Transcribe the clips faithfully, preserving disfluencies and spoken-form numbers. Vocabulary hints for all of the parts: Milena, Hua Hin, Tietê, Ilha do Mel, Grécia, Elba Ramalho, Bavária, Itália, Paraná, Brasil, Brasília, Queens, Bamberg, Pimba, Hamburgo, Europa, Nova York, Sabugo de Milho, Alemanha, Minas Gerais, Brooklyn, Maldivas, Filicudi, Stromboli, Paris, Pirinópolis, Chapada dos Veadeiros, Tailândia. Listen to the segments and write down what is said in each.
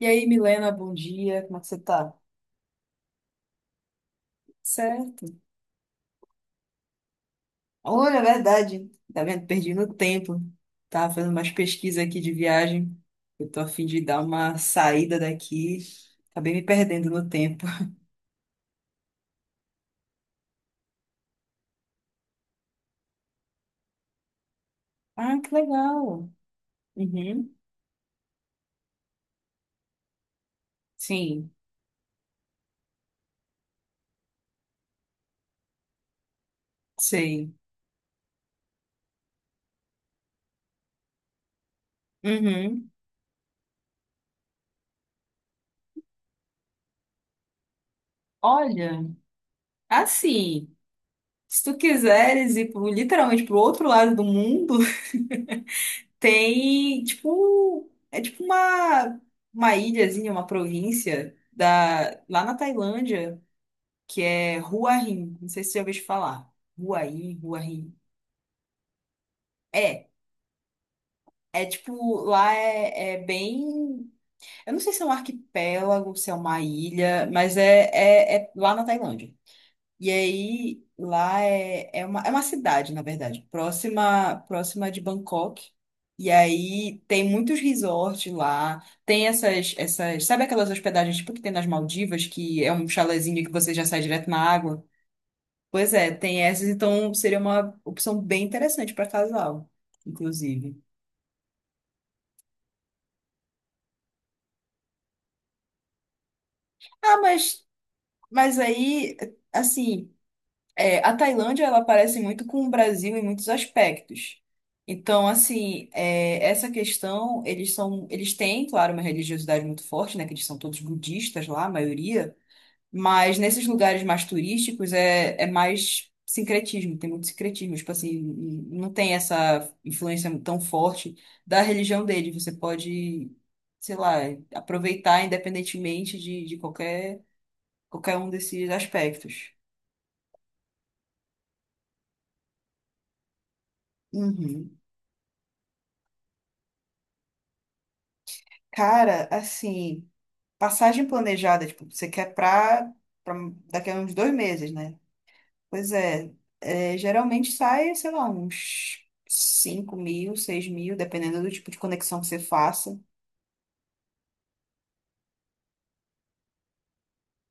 E aí, Milena, bom dia, como é que você tá? Certo. Olha, é verdade, tá vendo? Perdi no tempo. Tava fazendo umas pesquisas aqui de viagem. Eu tô a fim de dar uma saída daqui. Acabei me perdendo no tempo. Ah, que legal. Uhum. Sim, sei. Uhum. Olha, assim, se tu quiseres ir pro, literalmente pro outro lado do mundo. Tem, tipo, é tipo uma, uma ilhazinha, uma província da, lá na Tailândia, que é Hua Hin. Não sei se você já ouviu falar. Hua Hin, Hua Hin. É, é tipo, lá é, é bem. Eu não sei se é um arquipélago, se é uma ilha, mas é, é, é lá na Tailândia. E aí, lá é, é uma, é uma cidade, na verdade, próxima, próxima de Bangkok. E aí tem muitos resorts lá, tem essas, essas, sabe aquelas hospedagens tipo que tem nas Maldivas, que é um chalezinho que você já sai direto na água? Pois é, tem essas, então seria uma opção bem interessante para casal, inclusive. Ah, mas, mas aí, assim. É, a Tailândia, ela parece muito com o Brasil em muitos aspectos. Então, assim, é, essa questão, eles são, eles têm, claro, uma religiosidade muito forte, né? Que eles são todos budistas lá, a maioria. Mas nesses lugares mais turísticos é, é mais sincretismo, tem muito sincretismo. Tipo assim, não tem essa influência tão forte da religião dele. Você pode, sei lá, aproveitar independentemente de, de qualquer, qualquer um desses aspectos. Uhum. Cara, assim, passagem planejada, tipo, você quer pra, pra daqui a uns dois meses, né? Pois é, é, geralmente sai, sei lá, uns cinco mil, seis mil, dependendo do tipo de conexão que você faça.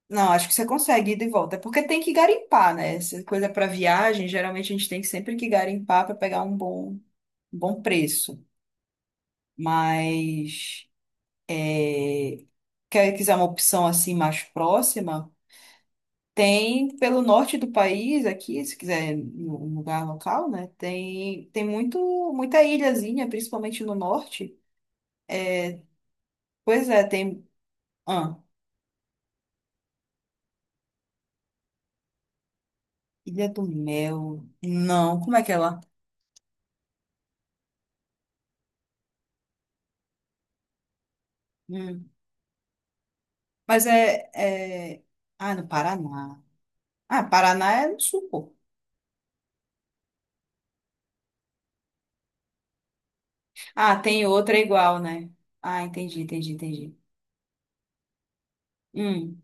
Não, acho que você consegue ir de volta, é porque tem que garimpar, né? Essa coisa para viagem, geralmente a gente tem que sempre que garimpar para pegar um bom, um bom preço. Mas, quer quiser uma opção assim mais próxima. Tem pelo norte do país aqui, se quiser um lugar local, né? Tem tem muito muita ilhazinha, principalmente no norte. Pois é, tem ah, Ilha do Mel. Não, como é que é lá? Hum. Mas é, é ah, no Paraná. Ah, Paraná é no sul, pô. Ah, tem outra igual, né? Ah, entendi, entendi, entendi. Hum.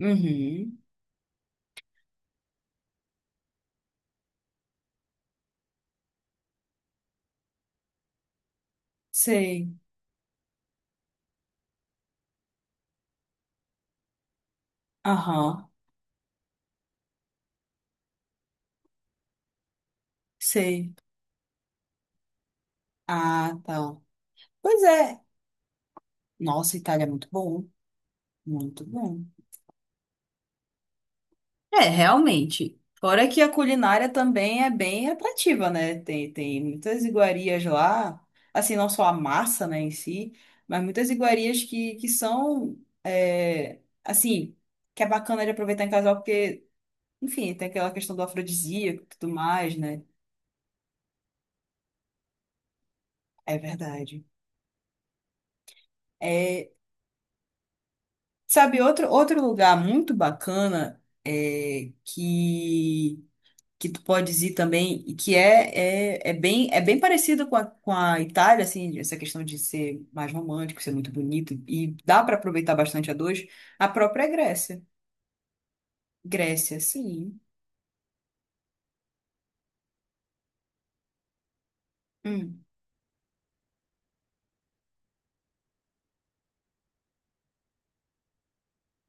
Uhum. Sei. Aham. Sei. Ah, tá. Pois é. Nossa, Itália é muito bom. Muito bom. É, realmente. Fora que a culinária também é bem atrativa, né? Tem, tem muitas iguarias lá, assim, não só a massa, né, em si, mas muitas iguarias que, que são, é, assim, que é bacana de aproveitar em casal, porque, enfim, tem aquela questão do afrodisíaco e tudo mais, né? É verdade. É, sabe, outro, outro lugar muito bacana é, que que tu podes ir também, e que é, é, é bem, é bem parecida com a, com a Itália, assim, essa questão de ser mais romântico, ser muito bonito, e dá para aproveitar bastante a dois, a própria Grécia. Grécia, sim. Hum,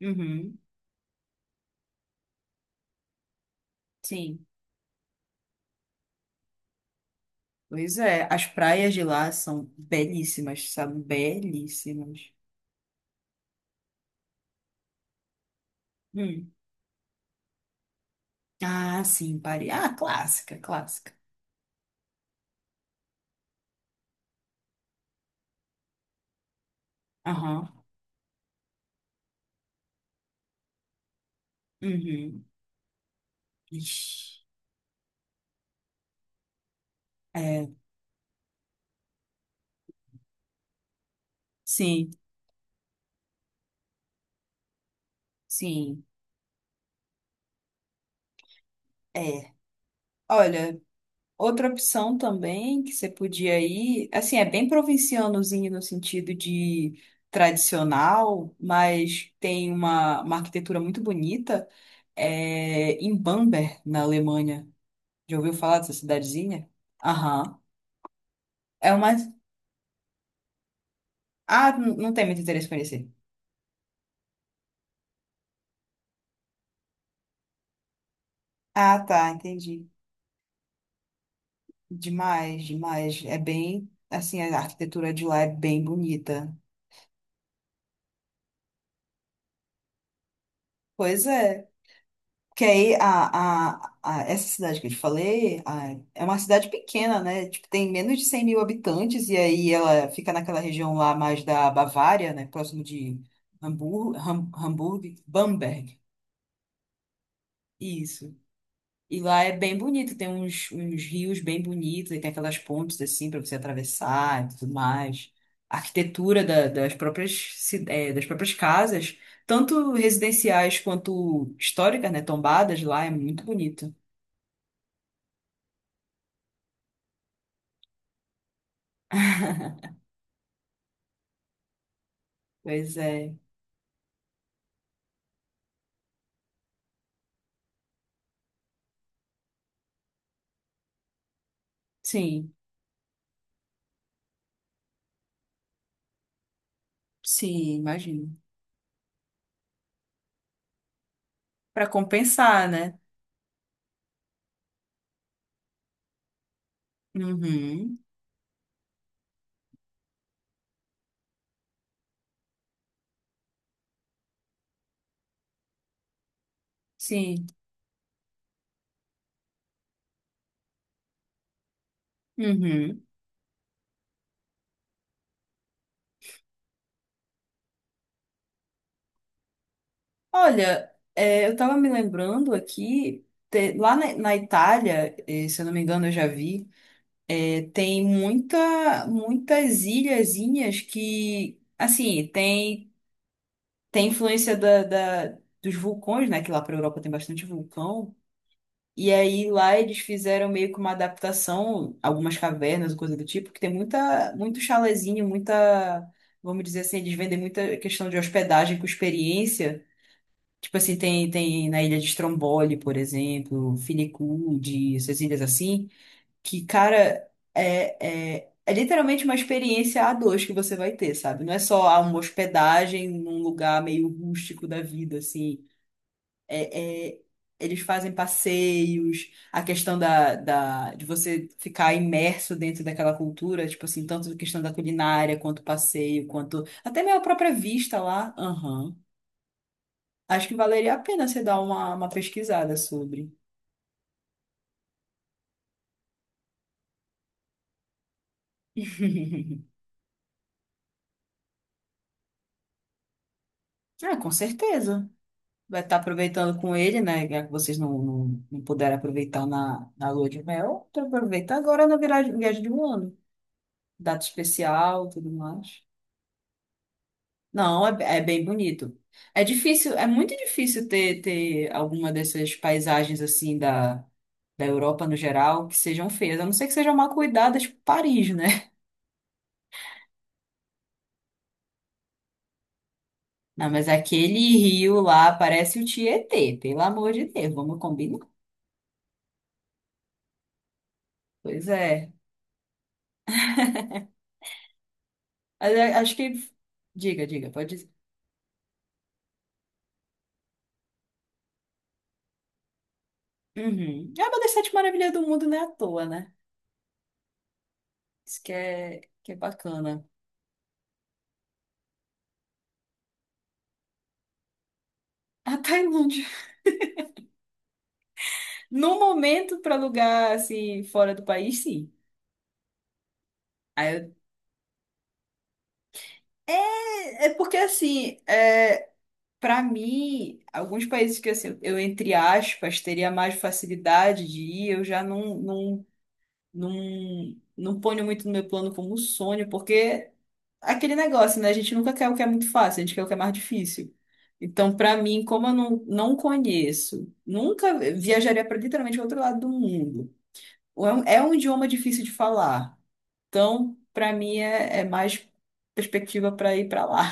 uhum, sim. Pois é, as praias de lá são belíssimas, sabe? Belíssimas. Hum. Ah, sim, Paris. Ah, clássica, clássica. Aham. Uhum. Ixi. É, sim, sim. É. Olha. Outra opção também que você podia ir, assim, é bem provincianozinho no sentido de tradicional, mas tem uma, uma arquitetura muito bonita, é em Bamberg, na Alemanha. Já ouviu falar dessa cidadezinha? Aham. É uma. Ah, n- não tem muito interesse em conhecer. Ah, tá, entendi. Demais, demais. É bem, assim, a arquitetura de lá é bem bonita. Pois é. Porque aí a, a, a- essa cidade que eu te falei a- é uma cidade pequena, né? Tipo, tem menos de cem mil habitantes, e aí ela fica naquela região lá mais da Bavária, né? Próximo de Hamburgo, Ham, Hamburgo, Bamberg. Isso. E lá é bem bonito, tem uns, uns rios bem bonitos, e tem aquelas pontes assim para você atravessar e tudo mais. A arquitetura da- das próprias, ci- eh, das próprias casas, tanto residenciais quanto históricas, né? Tombadas lá, é muito bonito. Pois é. Sim, sim, imagino. Para compensar, né? Uhum. Sim. Uhum. Olha, é, eu estava me lembrando aqui, te- lá na, na Itália, eh, se eu não me engano, eu já vi, eh, tem muita, muitas ilhazinhas que, assim, tem, tem influência da, da- dos vulcões, né? Que lá para a Europa tem bastante vulcão. E aí lá eles fizeram meio que uma adaptação, algumas cavernas, coisa do tipo, que tem muita, muito chalezinho, muita, vamos dizer assim, eles vendem muita questão de hospedagem com experiência. Tipo assim, tem, tem na ilha de Stromboli, por exemplo, Filicudi, essas ilhas assim, que, cara, é, é, é literalmente uma experiência a dois que você vai ter, sabe? Não é só ah, uma hospedagem num lugar meio rústico da vida, assim é, é, eles fazem passeios, a questão da, da, de você ficar imerso dentro daquela cultura, tipo assim, tanto a questão da culinária, quanto passeio, quanto até minha própria vista lá. Aham. Acho que valeria a pena você dar uma, uma pesquisada sobre. Ah, com certeza. Vai estar aproveitando com ele, né? Já que vocês não, não, não puderam aproveitar na, na lua de mel, então aproveita agora na viragem- viagem de um ano. Data especial, tudo mais. Não, é, é bem bonito. É difícil, é muito difícil ter, ter alguma dessas paisagens assim da, da Europa no geral que sejam feias, a não ser que sejam mal cuidadas tipo Paris, né? Não, mas aquele rio lá parece o Tietê, pelo amor de Deus, vamos combinar? Pois é. Mas é- acho que. Diga, diga, pode dizer. Uhum. É uma das sete maravilhas do mundo, não é à toa, né? Isso que é, que é bacana. A Tailândia. No momento, para lugar assim, fora do país, sim. Aí É, é porque assim, é, para mim, alguns países que assim, eu, entre aspas, teria mais facilidade de ir, eu já não, não, não, não ponho muito no meu plano como sonho, porque aquele negócio, né? A gente nunca quer o que é muito fácil, a gente quer o que é mais difícil. Então, para mim, como eu não, não conheço, nunca viajaria para literalmente o outro lado do mundo. É um, é um idioma difícil de falar. Então, para mim, é, é mais perspectiva para ir para lá.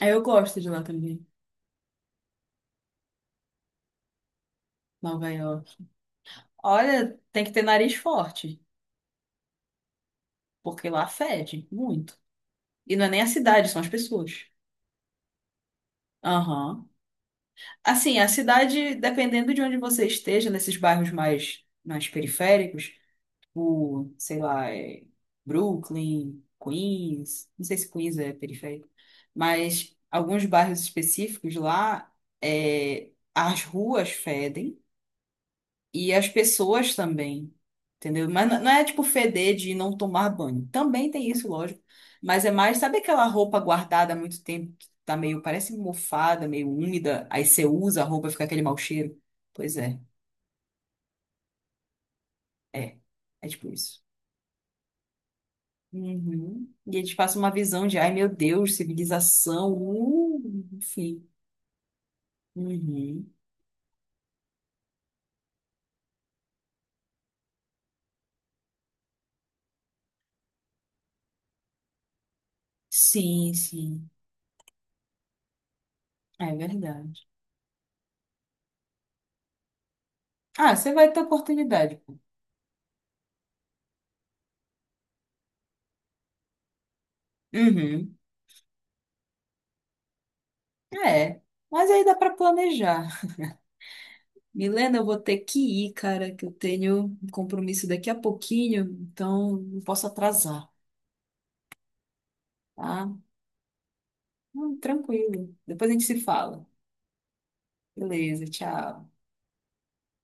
Aí eu gosto de lá também, Nova York. Olha, tem que ter nariz forte, porque lá fede muito. E não é nem a cidade, são as pessoas. Aham. Assim, a cidade, dependendo de onde você esteja, nesses bairros mais, mais periféricos, o, sei lá, é Brooklyn, Queens, não sei se Queens é periférico, mas alguns bairros específicos lá, é, as ruas fedem. E as pessoas também, entendeu? Mas não não é tipo feder de não tomar banho. Também tem isso, lógico. Mas é mais, sabe aquela roupa guardada há muito tempo, que tá meio, parece mofada, meio úmida, aí você usa a roupa e fica aquele mau cheiro? Pois é, é. É tipo isso. Uhum. E eles passam uma visão de, ai meu Deus, civilização, uh, enfim. Uhum. Sim, sim, é verdade. Ah, você vai ter oportunidade. Uhum. É, mas aí dá pra planejar. Milena, eu vou ter que ir, cara, que eu tenho um compromisso daqui a pouquinho, então não posso atrasar, tá? Hum, tranquilo. Depois a gente se fala. Beleza, tchau.